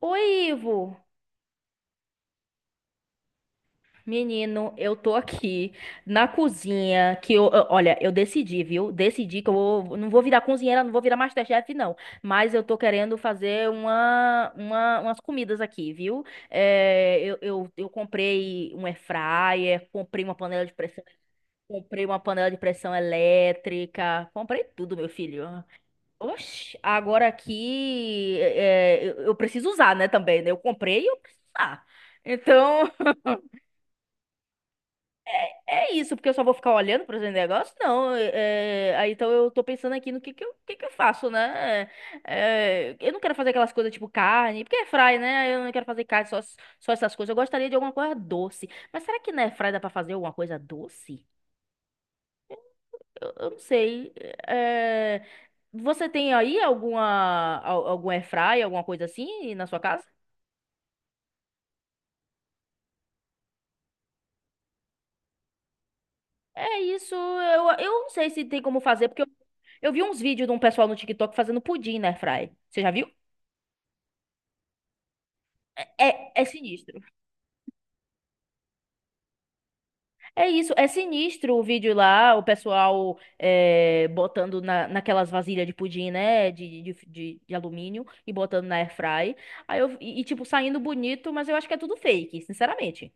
Oi, Ivo. Menino, eu tô aqui na cozinha que olha, eu decidi, viu? Decidi que não vou virar cozinheira, não vou virar MasterChef, não. Mas eu tô querendo fazer umas comidas aqui, viu? Eu comprei um air fryer, comprei uma panela de pressão, comprei uma panela de pressão elétrica, comprei tudo, meu filho. Oxi, agora aqui eu preciso usar, né, também, né? Eu comprei e eu preciso usar. Então, é isso, porque eu só vou ficar olhando para os negócios? Não. Aí então eu tô pensando aqui no que que eu faço, né? Eu não quero fazer aquelas coisas tipo carne, porque é fry, né? Eu não quero fazer carne, só essas coisas. Eu gostaria de alguma coisa doce. Mas será que na airfry dá para fazer alguma coisa doce? Eu não sei. É, Você tem aí algum airfry, alguma coisa assim na sua casa? É isso, eu não sei se tem como fazer, porque eu vi uns vídeos de um pessoal no TikTok fazendo pudim na airfry. Você já viu? É sinistro. É isso, é sinistro o vídeo lá, o pessoal botando naquelas vasilhas de pudim, né? De alumínio e botando na airfry. Aí tipo, saindo bonito, mas eu acho que é tudo fake, sinceramente.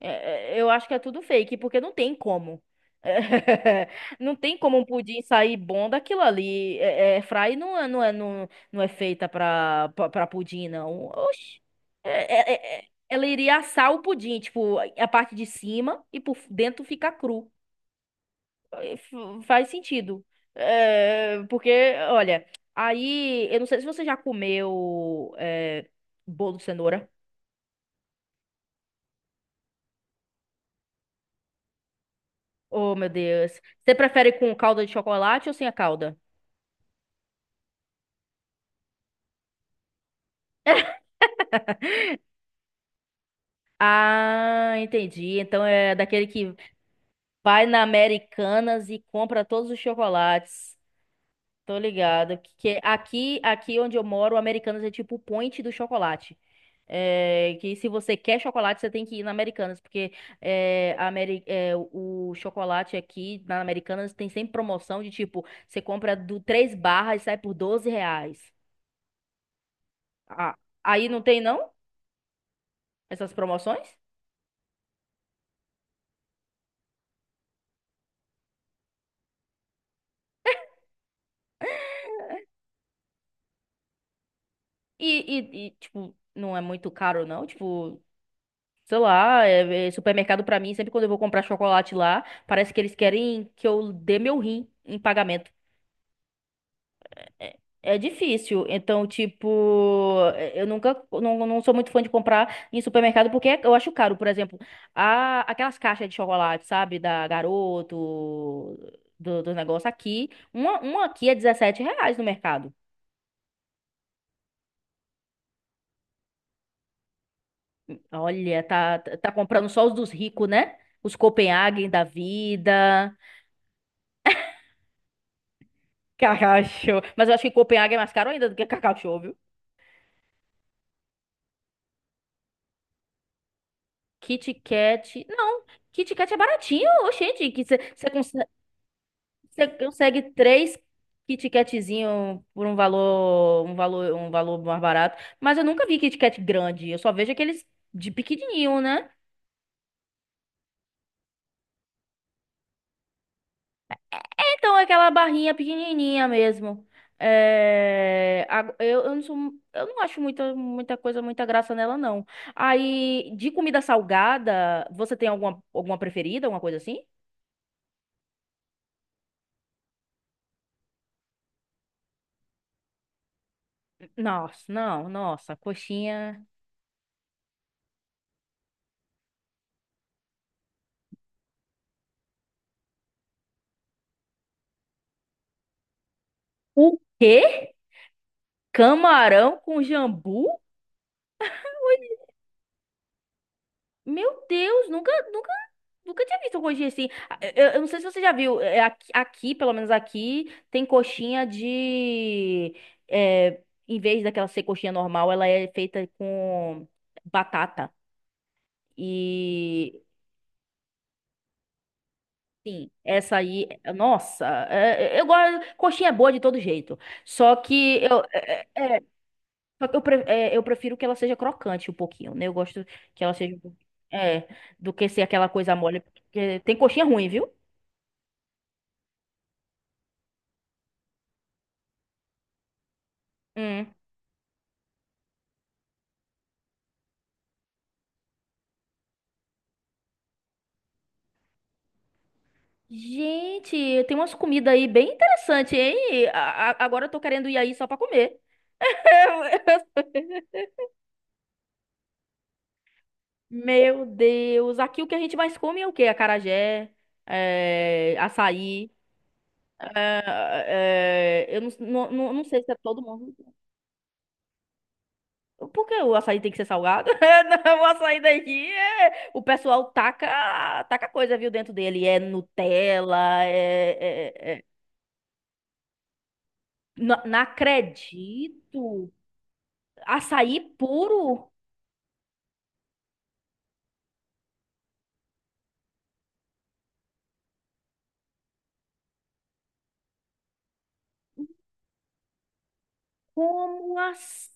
Eu acho que é tudo fake, porque não tem como. Não tem como um pudim sair bom daquilo ali. Fry não é feita pra pudim, não. Oxi. É, é, é, é, Ela iria assar o pudim, tipo, a parte de cima e por dentro fica cru. Faz sentido. Porque, olha, aí, eu não sei se você já comeu bolo de cenoura. Oh, meu Deus. Você prefere com calda de chocolate ou sem a calda? Ah, entendi. Então é daquele que vai na Americanas e compra todos os chocolates. Tô ligado. Que aqui onde eu moro, o Americanas é tipo o point do chocolate. Que se você quer chocolate, você tem que ir na Americanas, porque o chocolate aqui na Americanas tem sempre promoção de tipo, você compra do três barras e sai por 12 reais. Ah, aí não tem não essas promoções? E, tipo, não é muito caro não? Tipo sei lá, é supermercado pra mim, sempre quando eu vou comprar chocolate lá, parece que eles querem que eu dê meu rim em pagamento. É difícil. Então, tipo, eu nunca, não sou muito fã de comprar em supermercado porque eu acho caro. Por exemplo, aquelas caixas de chocolate, sabe? Da Garoto, do negócio aqui. Uma aqui é R$ 17 no mercado. Olha, tá comprando só os dos ricos, né? Os Copenhagen da vida. Cacau Show. Mas eu acho que Copenhague é mais caro ainda do que Cacau Show, viu? Kit Kat. Não, Kit Kat é baratinho, ô, gente. Que você consegue três Kit Katzinho por um valor mais barato. Mas eu nunca vi Kit Kat grande. Eu só vejo aqueles de pequenininho, né? Então, é aquela barrinha pequenininha mesmo. Eu não sou, eu não acho muita, muita coisa, muita graça nela, não. Aí, de comida salgada, você tem alguma, preferida, alguma coisa assim? Nossa, não, nossa, coxinha. O quê? Camarão com jambu? Meu Deus, nunca, nunca, nunca tinha visto coxinha assim. Ah, eu não sei se você já viu, aqui, pelo menos aqui, tem coxinha de. Em vez daquela ser coxinha normal, ela é feita com batata. E essa aí, nossa, eu gosto. Coxinha é boa de todo jeito. Só que eu, é, é, é, só que eu, pre- é, eu prefiro que ela seja crocante um pouquinho, né? Eu gosto que ela seja. Um pouquinho- É, do que ser aquela coisa mole, porque tem coxinha ruim, viu? Hum. Gente, tem umas comidas aí bem interessantes, hein? Agora eu tô querendo ir aí só pra comer. Meu Deus, aqui o que a gente mais come é o quê? Acarajé, açaí. Eu não sei se é todo mundo. Por que o açaí tem que ser salgado? Não, o açaí daqui é. O pessoal taca coisa, viu, dentro dele. É Nutella. Não, não acredito. Açaí puro? Como assim?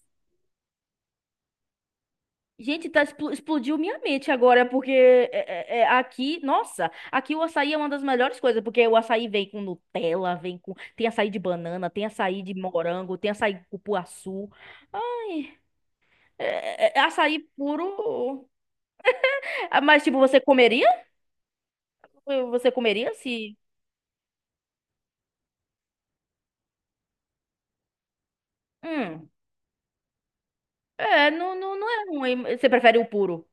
Gente, tá, explodiu minha mente agora, porque aqui, nossa, aqui o açaí é uma das melhores coisas, porque o açaí vem com Nutella, vem com. Tem açaí de banana, tem açaí de morango, tem açaí de cupuaçu. Ai, é açaí puro. Ah, mas, tipo, você comeria? Você comeria se. Hum, não é ruim. Você prefere o puro?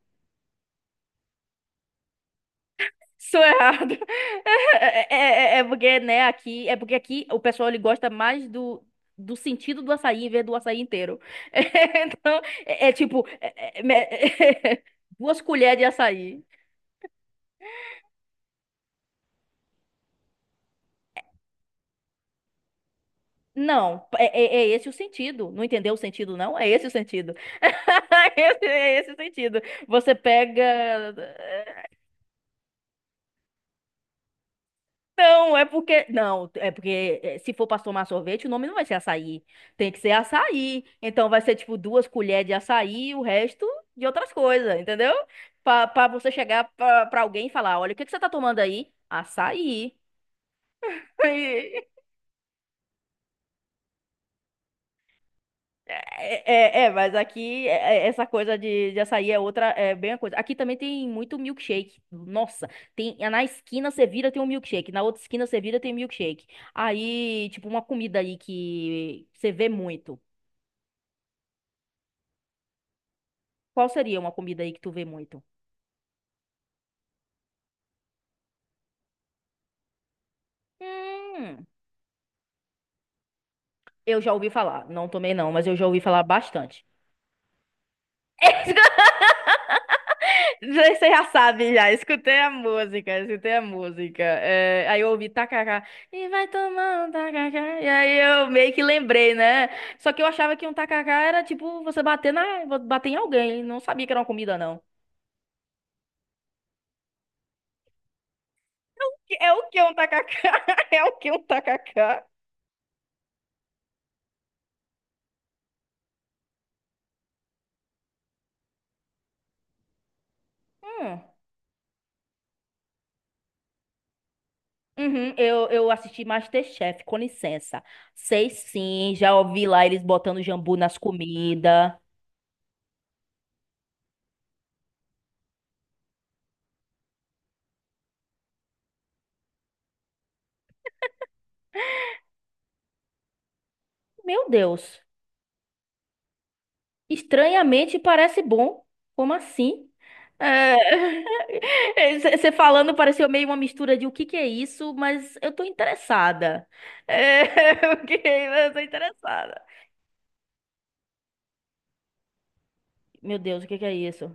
Sou errado. É porque, né, aqui, é porque aqui o pessoal ele gosta mais do sentido do açaí em vez do açaí inteiro. Então, tipo, é- me- duas colheres de açaí. Não, é esse o sentido. Não entendeu o sentido, não? É esse o sentido. É esse o sentido. Você pega. Não, é porque. Não, é porque se for pra tomar sorvete, o nome não vai ser açaí. Tem que ser açaí. Então vai ser tipo duas colheres de açaí e o resto de outras coisas, entendeu? Pra você chegar pra alguém e falar: olha, o que que você tá tomando aí? Açaí. Mas aqui essa coisa de açaí é outra, é bem a coisa. Aqui também tem muito milkshake. Nossa, tem na esquina você vira tem um milkshake, na outra esquina você vira tem milkshake. Aí, tipo, uma comida aí que você vê muito. Qual seria uma comida aí que tu vê muito? Hum, eu já ouvi falar. Não tomei não, mas eu já ouvi falar bastante. Você já sabe, já. Escutei a música, escutei a música. Aí eu ouvi tacacá. E vai tomar um tacacá. E aí eu meio que lembrei, né? Só que eu achava que um tacacá era tipo você bater bater em alguém. Não sabia que era uma comida, não. É o que um tacacá? É o que um tacacá? Hum. Uhum, eu assisti MasterChef, com licença. Sei sim, já ouvi lá eles botando jambu nas comidas. Meu Deus. Estranhamente parece bom. Como assim? É, Você falando pareceu meio uma mistura de o que que é isso, mas eu tô interessada. Ok, mas eu tô interessada. Meu Deus, o que que é isso?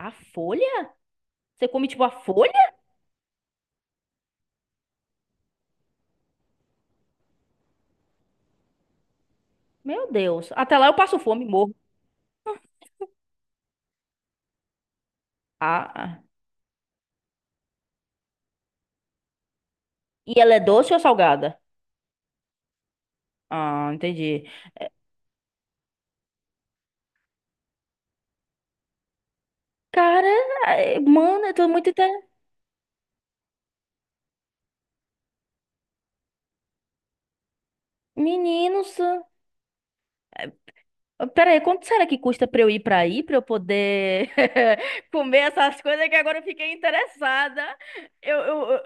A folha? Você come tipo a folha? Meu Deus. Até lá eu passo fome, e morro. Ah, ah. E ela é doce ou salgada? Ah, entendi. Cara, mano, eu tô muito. Meninos. Pera aí, quanto será que custa pra eu ir pra aí, pra eu poder comer essas coisas que agora eu fiquei interessada? Eu, eu,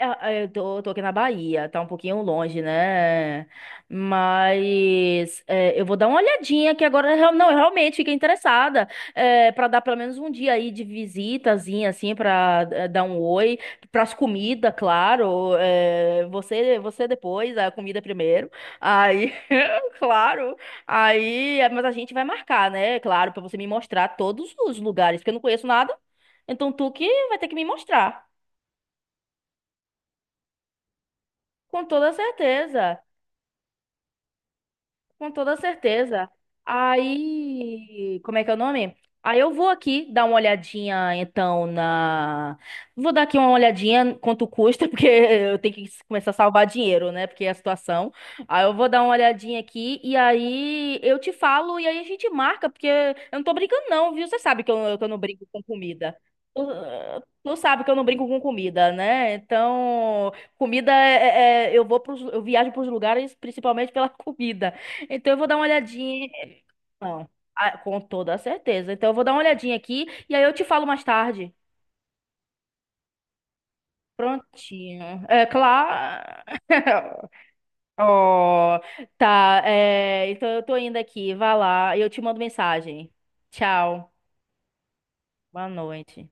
Eu tô aqui na Bahia, tá um pouquinho longe, né? Mas eu vou dar uma olhadinha que agora eu não, eu realmente fiquei interessada para dar pelo menos um dia aí de visitazinha, assim, para dar um oi, pras comidas, claro. Você depois, a comida primeiro. Aí, claro. Aí, mas a gente vai marcar, né? Claro, para você me mostrar todos os lugares, porque eu não conheço nada. Então tu que vai ter que me mostrar. Com toda certeza. Com toda certeza. Aí, como é que é o nome? Aí eu vou aqui dar uma olhadinha, então, na. Vou dar aqui uma olhadinha quanto custa, porque eu tenho que começar a salvar dinheiro, né? Porque é a situação. Aí eu vou dar uma olhadinha aqui e aí eu te falo e aí a gente marca, porque eu não tô brincando, não, viu? Você sabe que que eu não brinco com comida. Tu, tu sabe que eu não brinco com comida, né? Então, comida eu viajo pros lugares principalmente pela comida. Então eu vou dar uma olhadinha. Não, ah, com toda certeza. Então eu vou dar uma olhadinha aqui e aí eu te falo mais tarde. Prontinho. É claro. Oh, tá. Então eu tô indo aqui. Vai lá. Eu te mando mensagem. Tchau. Boa noite.